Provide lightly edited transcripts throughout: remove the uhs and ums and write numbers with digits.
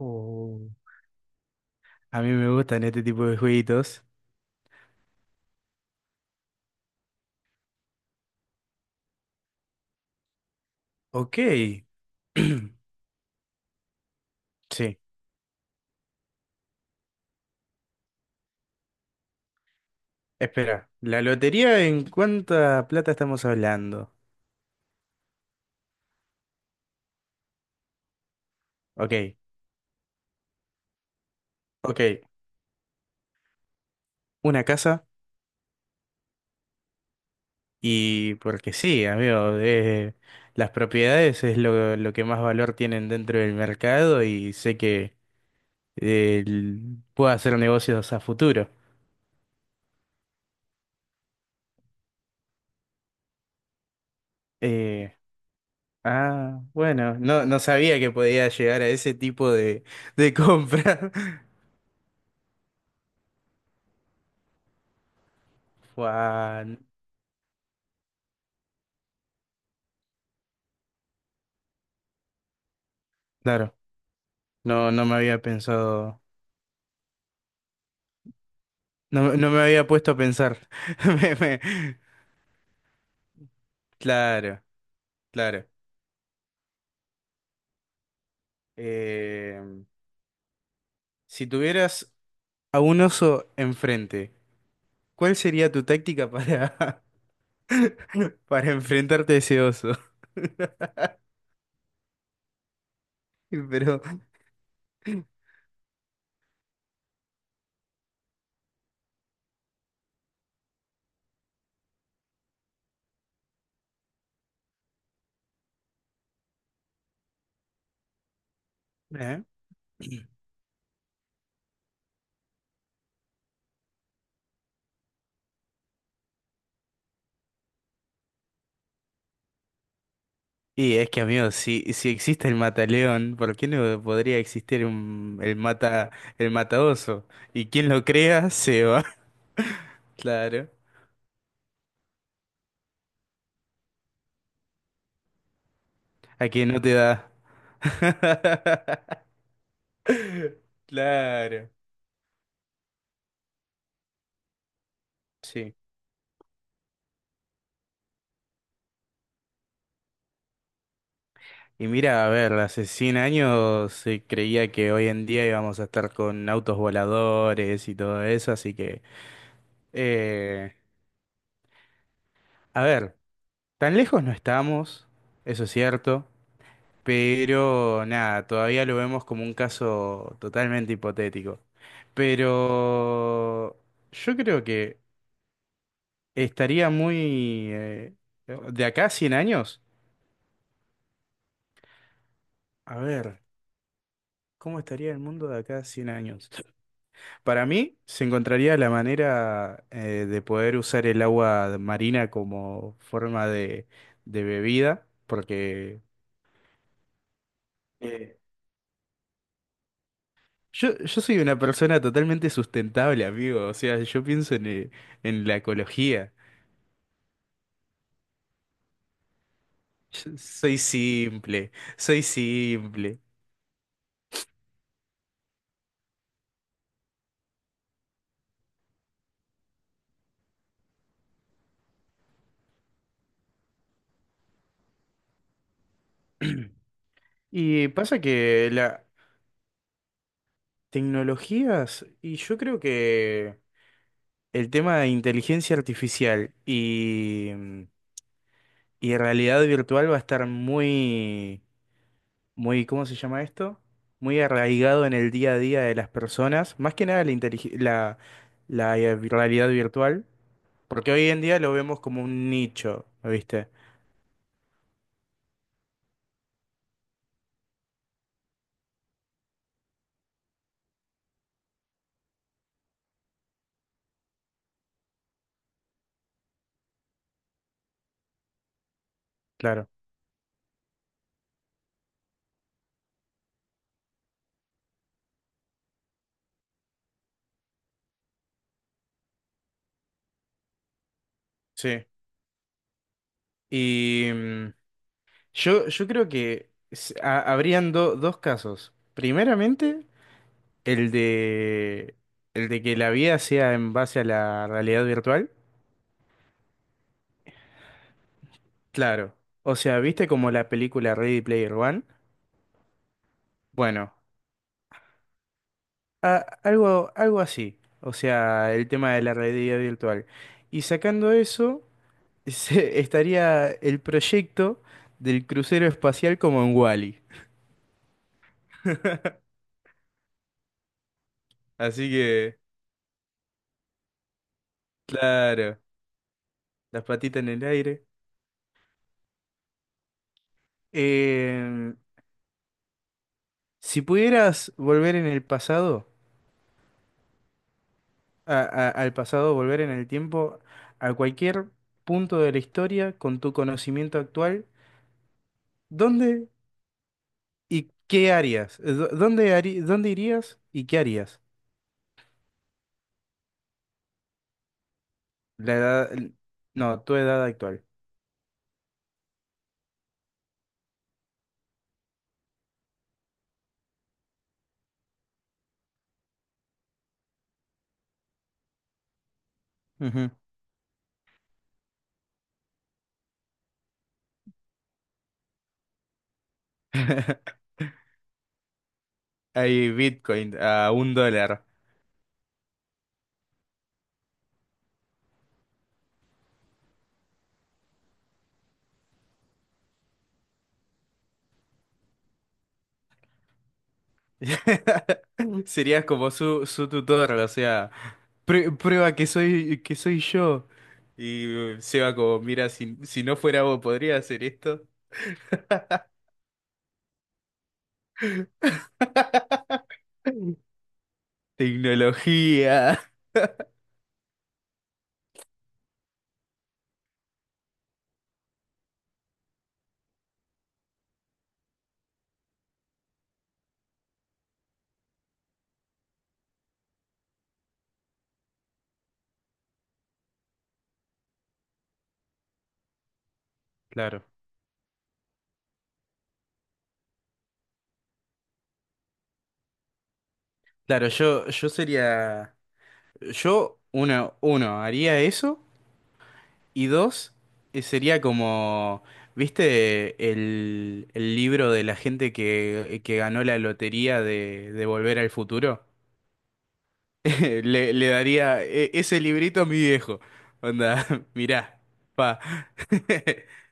Oh, a mí me gustan este tipo de jueguitos. Ok. Sí. Espera, ¿la lotería en cuánta plata estamos hablando? Ok. Ok. Una casa. Y porque sí, amigo. Las propiedades es lo que más valor tienen dentro del mercado y sé que puedo hacer negocios a futuro. Eh, bueno. No, no sabía que podía llegar a ese tipo de compra. Guau, claro, no, no me había pensado, no, me no me había puesto a pensar. Me- me- Claro, claro. Eh, si tuvieras a un oso enfrente, ¿cuál sería tu táctica para, para enfrentarte a ese oso? Pero, ¿eh? Y es que, amigo, si existe el mataleón, ¿por qué no podría existir el mataoso? Y quien lo crea se va. Claro. Aquí no te da. Claro, sí. Y mira, a ver, hace 100 años se creía que hoy en día íbamos a estar con autos voladores y todo eso, así que... eh, a ver, tan lejos no estamos, eso es cierto, pero nada, todavía lo vemos como un caso totalmente hipotético. Pero yo creo que estaría muy... de acá a 100 años, a ver. ¿Cómo estaría el mundo de acá a 100 años? Para mí, se encontraría la manera de poder usar el agua marina como forma de bebida, porque eh, yo, yo soy una persona totalmente sustentable, amigo. O sea, yo pienso en la ecología. Yo soy simple, soy simple. Y pasa que las tecnologías, y yo creo que el tema de inteligencia artificial y y realidad virtual va a estar muy, muy, ¿cómo se llama esto? Muy arraigado en el día a día de las personas, más que nada la realidad virtual, porque hoy en día lo vemos como un nicho, ¿viste? Claro, sí. Y yo, yo creo que habrían dos casos. Primeramente, el de, el de que la vida sea en base a la realidad virtual. Claro. O sea, ¿viste como la película Ready Player One? Bueno, a- algo, algo así. O sea, el tema de la realidad virtual. Y sacando eso, estaría el proyecto del crucero espacial como en Wall-E. Así que, claro, las patitas en el aire. Eh, si pudieras volver en el pasado, al pasado, volver en el tiempo, a cualquier punto de la historia con tu conocimiento actual, ¿dónde y qué harías? ¿Dónde dónde irías y qué harías? La edad, el- no, tu edad actual. Ujú. Hay Bitcoin a un dólar. Serías como su tutor, o sea, prueba que soy yo." Y Seba como, mira, si, si no fuera vos, ¿podría hacer esto? Tecnología. Claro. Claro, yo sería, yo, uno, haría eso. Y dos, sería como, ¿viste el libro de la gente que ganó la lotería de Volver al Futuro? Le daría ese librito a mi viejo. Onda, mirá, pa.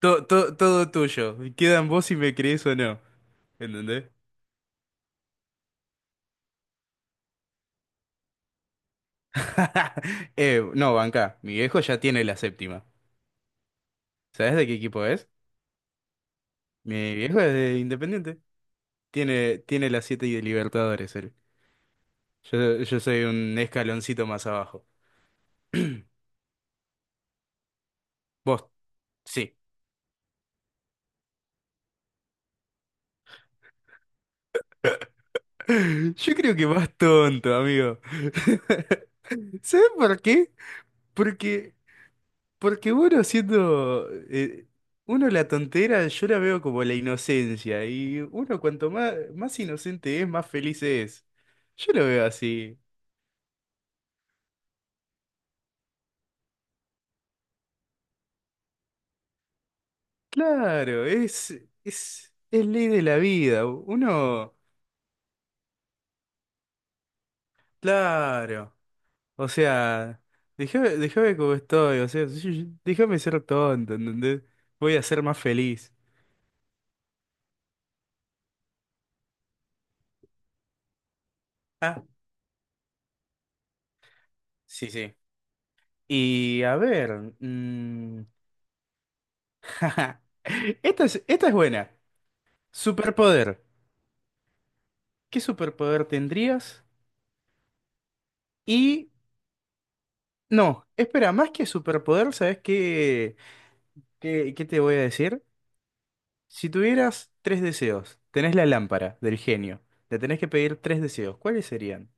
Todo, todo, todo tuyo. Queda en vos si me crees o no. ¿Entendés? No, banca. Mi viejo ya tiene la séptima. ¿Sabés de qué equipo es? Mi viejo es de Independiente. Tiene, tiene las siete y de Libertadores, él. Yo soy un escaloncito más abajo. Vos, sí. Yo creo que vas tonto, amigo. ¿Sabes por qué? Porque, porque bueno, siendo uno la tontera, yo la veo como la inocencia. Y uno cuanto más inocente es, más feliz es. Yo lo veo así. Claro, es ley de la vida. Uno, claro. O sea, déjame, déjame como estoy, o sea, déjame ser tonto, ¿entendés? Voy a ser más feliz. Ah, sí, sí. Y a ver, jaja, esta es, esta es buena. Superpoder. ¿Qué superpoder tendrías? Y no, espera, más que superpoder, ¿sabes qué te voy a decir? Si tuvieras 3 deseos, tenés la lámpara del genio, le tenés que pedir 3 deseos, ¿cuáles serían?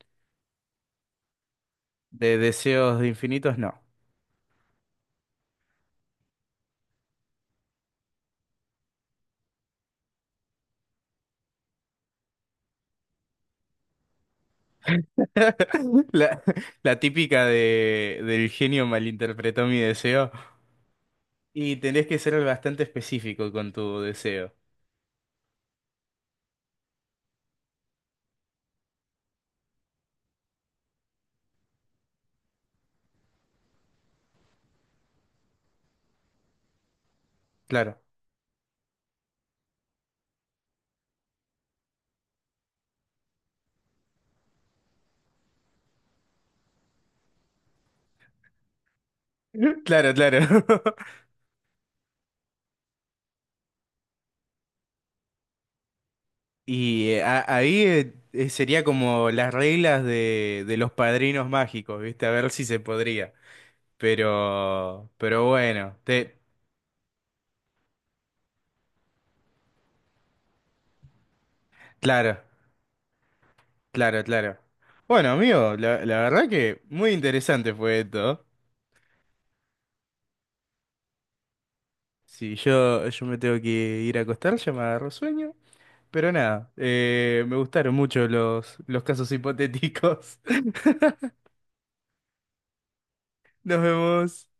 De deseos infinitos, no. La, la típica de, del genio malinterpretó mi deseo. Y tenés que ser bastante específico con tu deseo. Claro. Claro, claro. Y a- ahí sería como las reglas de los padrinos mágicos, ¿viste? A ver si se podría. Pero bueno, claro, claro, claro. Bueno, amigo, la verdad que muy interesante fue esto. Si yo, yo me tengo que ir a acostar, ya me agarro sueño. Pero nada, me gustaron mucho los casos hipotéticos. Nos vemos.